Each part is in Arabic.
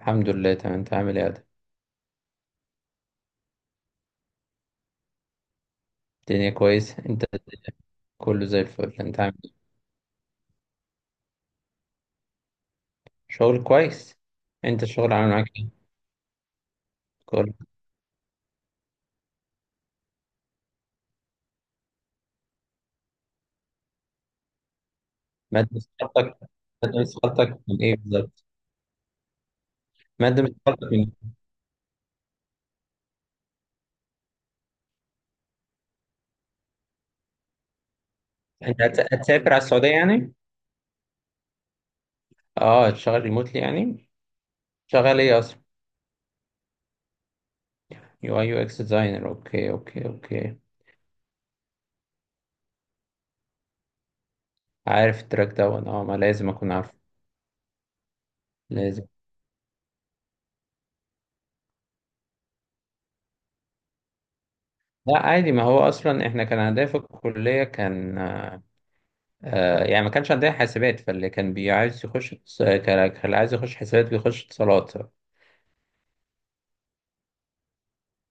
الحمد لله تمام، انت عامل ايه يا ادم؟ الدنيا كويس، انت الدنيا؟ كله زي الفل، انت عامل ايه؟ شغل كويس. انت الشغل عامل معاك ايه؟ كله. مادة مسقطك. مادة مسقطك من ايه بالظبط؟ مادة مسقطك من ايه؟ انت هتسافر على السعودية يعني؟ اه، هتشتغل ريموتلي يعني؟ شغال ايه اصلا؟ يو اي يو اكس ديزاينر. اوكي اوكي اوكي. عارف التراك ده، وانا اه ما لازم اكون عارفه. لازم. لا عادي، ما هو اصلا احنا كان هدف الكلية كان، يعني ما كانش عندنا حاسبات، فاللي كان بيعايز يخش اتص- كان كان اللي عايز يخش حاسبات بيخش اتصالات.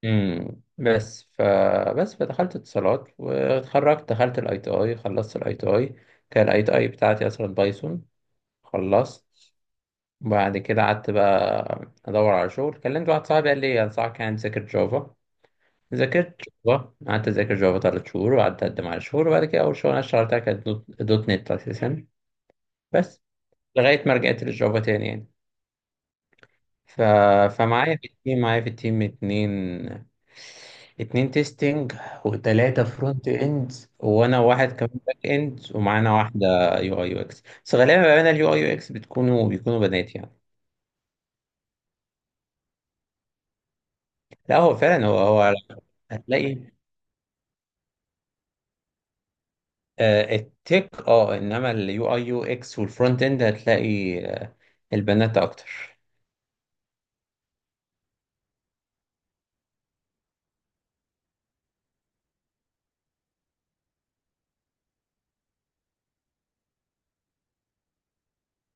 بس فبس فدخلت اتصالات واتخرجت، دخلت الاي تي اي، خلصت الاي تي اي. كان الاي تي اي بتاعتي اصلا بايثون. خلصت، وبعد كده قعدت بقى ادور على شغل، كلمت واحد صاحبي قال لي انصحك يعني تذاكر جافا. ذاكرت جافا، قعدت اذاكر جافا ثلاث شهور، وقعدت اقدم على شهور، وبعد كده اول شغل انا اشتغلتها كانت دوت دوت نت اساسا، بس لغايه ما رجعت للجافا تاني يعني. ف... فمعايا في التيم معايا في التيم اتنين، اتنين تيستنج، وتلاتة فرونت اند، وانا واحد كمان باك اند، ومعانا واحدة يو اي يو اكس. بس غالبا بقى انا اليو اي يو اكس بيكونوا بنات يعني. لا هو فعلا، هو. هتلاقي التك اه، انما اليو اي يو اكس والفرونت اند هتلاقي البنات اكتر.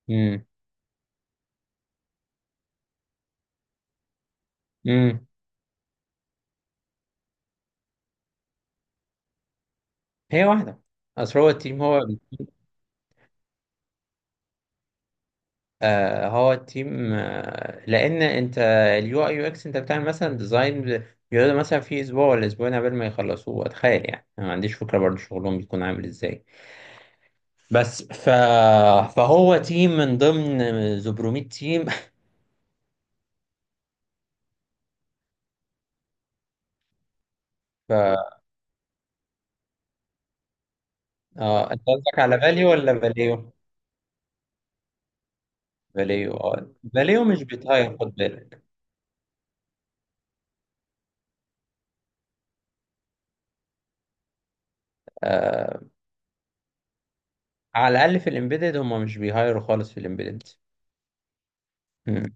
امم امم هي واحدة. اصل هو التيم هو، هو التيم، لان انت اليو اي يو اكس انت بتعمل مثلا ديزاين، بيقعدوا مثلا في اسبوع ولا اسبوعين قبل ما يخلصوه، اتخيل يعني انا ما عنديش فكره برضه شغلهم بيكون عامل ازاي. بس ف... فهو تيم من ضمن 800 تيم. ف... اه انت قصدك على فاليو ولا فاليو؟ فاليو. اه فاليو مش بيتهاير، خد بالك. آه، على الاقل في الامبيدد هم مش بيهايروا خالص في الامبيدد. مم.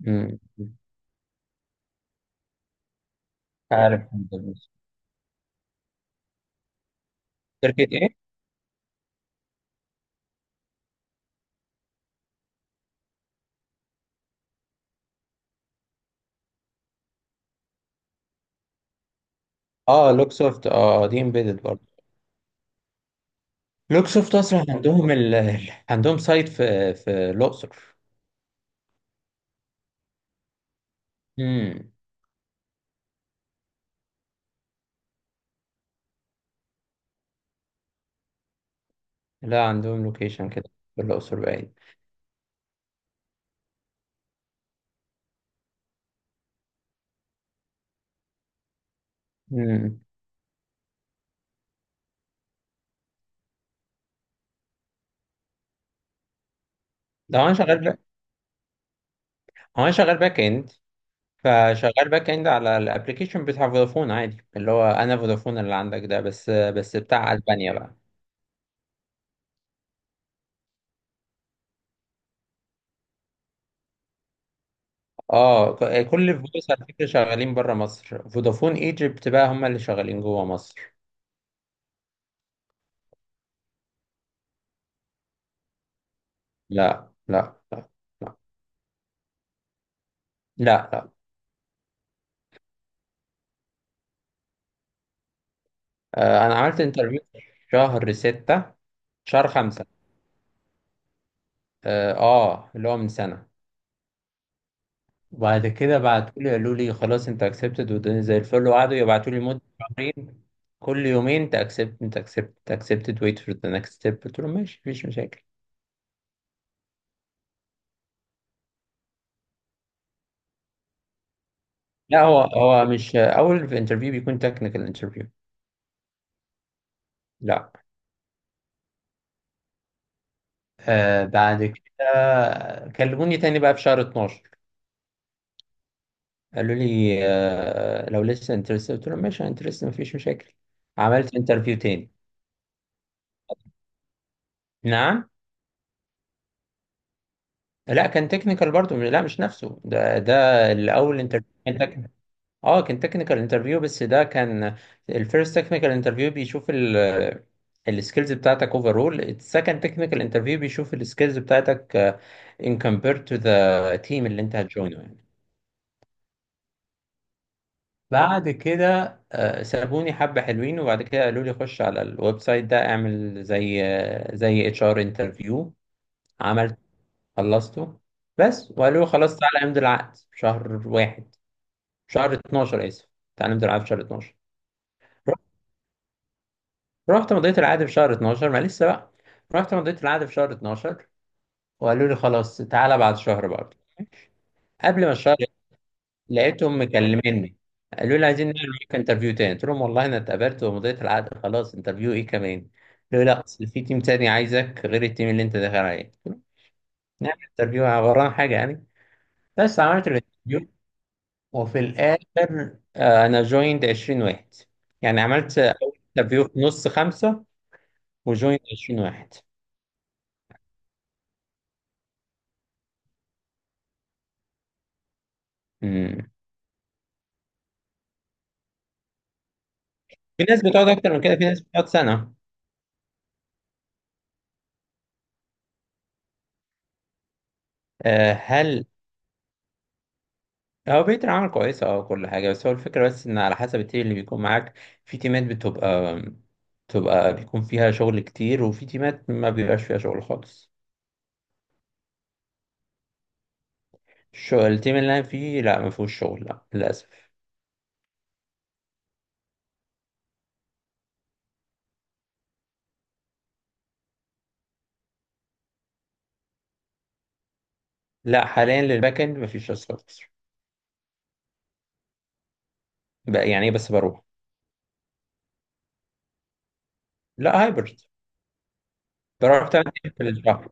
مم. عارف. شركه إيه؟ اه لوكسوفت، اه دي امبيدد برضه. لوكسوفت اصلا عندهم عندهم سايت في الاقصر. امم. لا عندهم لوكيشن كده في الاقصر باين. امم. ده هو انا شغال بقى، هو انا شغال باك اند، فشغال باك اند على الابلكيشن بتاع فودافون عادي، اللي هو انا فودافون اللي عندك ده، بس بتاع اسبانيا بقى. اه كل فودوس على فكره شغالين بره مصر، فودافون ايجيبت بقى هم اللي شغالين جوه مصر. لا لا لا. لا لا. انا عملت انترفيو شهر ستة، شهر خمسة، اه اللي هو من سنة. وبعد كده بعتوا لي قالوا لي خلاص انت اكسبتد، والدنيا زي الفل، وقعدوا يبعتوا لي مدة شهرين كل يومين، انت اكسبت انت اكسبت انت اكسبتد ويت فور ذا نكست ستيب، قلت لهم ماشي مفيش مشاكل. لا هو مش اول في انترفيو بيكون تكنيكال انترفيو. لا. آه، بعد كده كلموني تاني بقى في شهر 12، قالوا لي آه لو لسه انترست، قلت لهم ماشي انترست مفيش مشاكل. عملت انترفيو تاني. نعم. لا كان تكنيكال برضو، لا مش نفسه، ده الاول انترفيو كان تكنيكال. اه كان تكنيكال انترفيو، بس ده كان الفيرست تكنيكال انترفيو بيشوف ال السكيلز بتاعتك اوفرول، السكند تكنيكال انترفيو بيشوف السكيلز بتاعتك ان كومبير تو ذا تيم اللي انت هتجوينه يعني. بعد كده سابوني حبة حلوين، وبعد كده قالوا لي خش على الويب سايت ده اعمل زي زي اتش ار انترفيو. خلصته بس، وقالوا له خلاص تعالى امضي العقد في شهر واحد، في شهر 12، اسف، تعالى امضي العقد في شهر 12. رحت، رحت مضيت العقد في شهر 12، ما لسه بقى، رحت مضيت العقد في شهر 12، وقالوا لي خلاص تعالى بعد شهر برضه، قبل ما الشهر لقيتهم مكلميني قالوا لي عايزين نعمل معاك انترفيو تاني. قلت لهم والله انا اتقابلت ومضيت العقد، خلاص انترفيو ايه كمان؟ قالوا لي لا اصل في تيم تاني عايزك غير التيم اللي انت داخل عليه، قلت لهم نعمل انترفيو، ورانا حاجه يعني؟ بس عملت الانترفيو، وفي الآخر أنا جويند 20 واحد. يعني عملت أول انترفيو في نص خمسة، وجويند 20 واحد. مم. في ناس بتقعد أكتر من كده، في ناس بتقعد سنة. آه، هل هو بيئة العمل كويسة، أه كل حاجة، بس هو الفكرة بس إن على حسب التيم اللي بيكون معاك. في تيمات بتبقى بيكون فيها شغل كتير، وفي تيمات ما بيبقاش فيها شغل خالص. الشغل التيم اللي أنا فيه لا ما فيهوش شغل، لا للأسف. لا حاليا للباك إند ما فيش أصلا. بقى يعني إيه بس بروح. لا هايبرد. بروح تلات أيام في الشهر.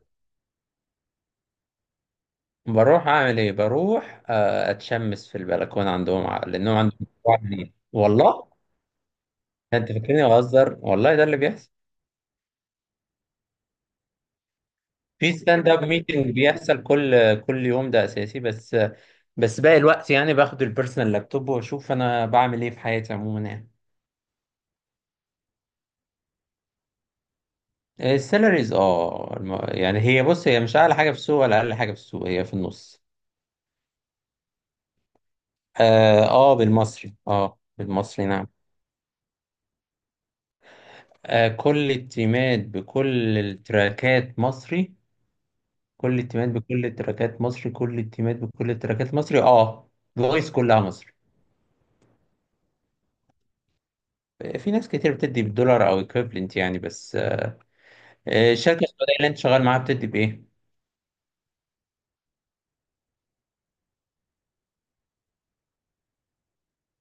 بروح أعمل إيه؟ بروح أتشمس في البلكونة عندهم، لأنهم عندهم مشروع جديد والله. أنت فاكرني بهزر؟ والله ده اللي بيحصل. في ستاند اب ميتنج بيحصل كل يوم ده أساسي، بس باقي الوقت يعني باخد البيرسونال لابتوب وأشوف أنا بعمل إيه في حياتي عموما يعني. السالاريز اه يعني هي، بص هي مش أعلى حاجة في السوق ولا أقل حاجة في السوق، هي في النص. اه بالمصري، اه بالمصري نعم. كل التيمات بكل التراكات مصري. كل التيمات بكل التراكات مصري. كل التيمات بكل التراكات مصري. اه الفويس كلها مصري. في ناس كتير بتدي بالدولار او ايكويفلنت يعني، بس الشركه السعوديه اللي انت شغال معاها بتدي بايه؟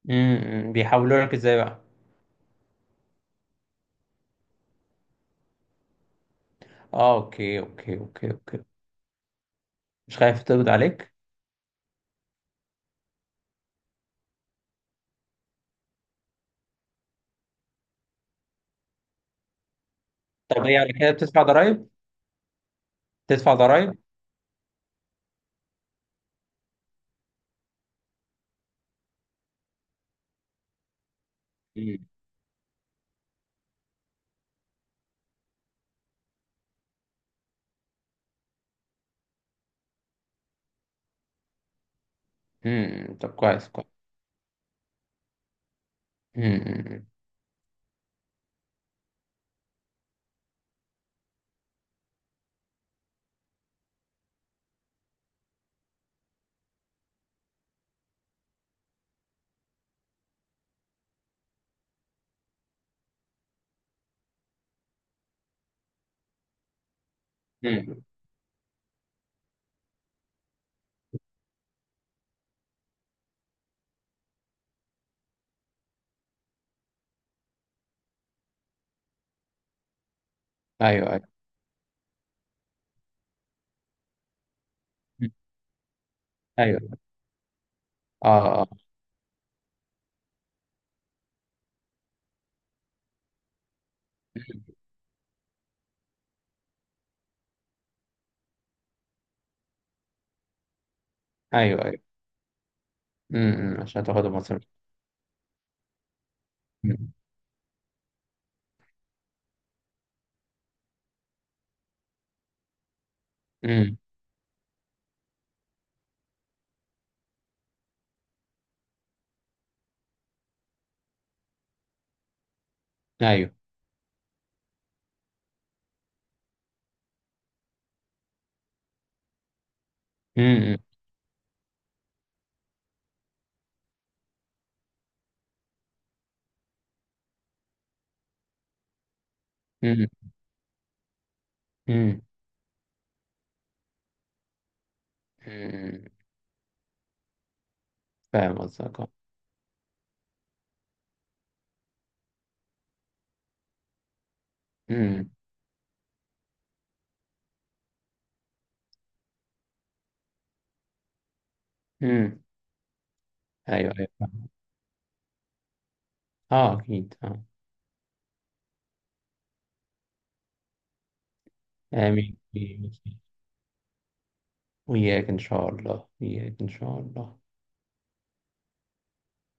امم. بيحولوا لك ازاي بقى؟ اه اوكي اوكي اوكي اوكي. مش خايف تقبض عليك؟ طب ايه على كده بتدفع ضرايب؟ بتدفع ضرايب؟ امم. أمم، طب كويس كويس. امم. أمم. أمم. ايوه ايوه. ايوه اه. آه. ايوه أيوه. عشان تاخدهم مصر. امم. أمم. ايوه. امم. امم. أمم. امم. فاهم قصدك اه. امم امم. ايوه ايوه فاهم. اه اكيد اه. امين امين. وإياك إن شاء الله. إياك إن شاء الله.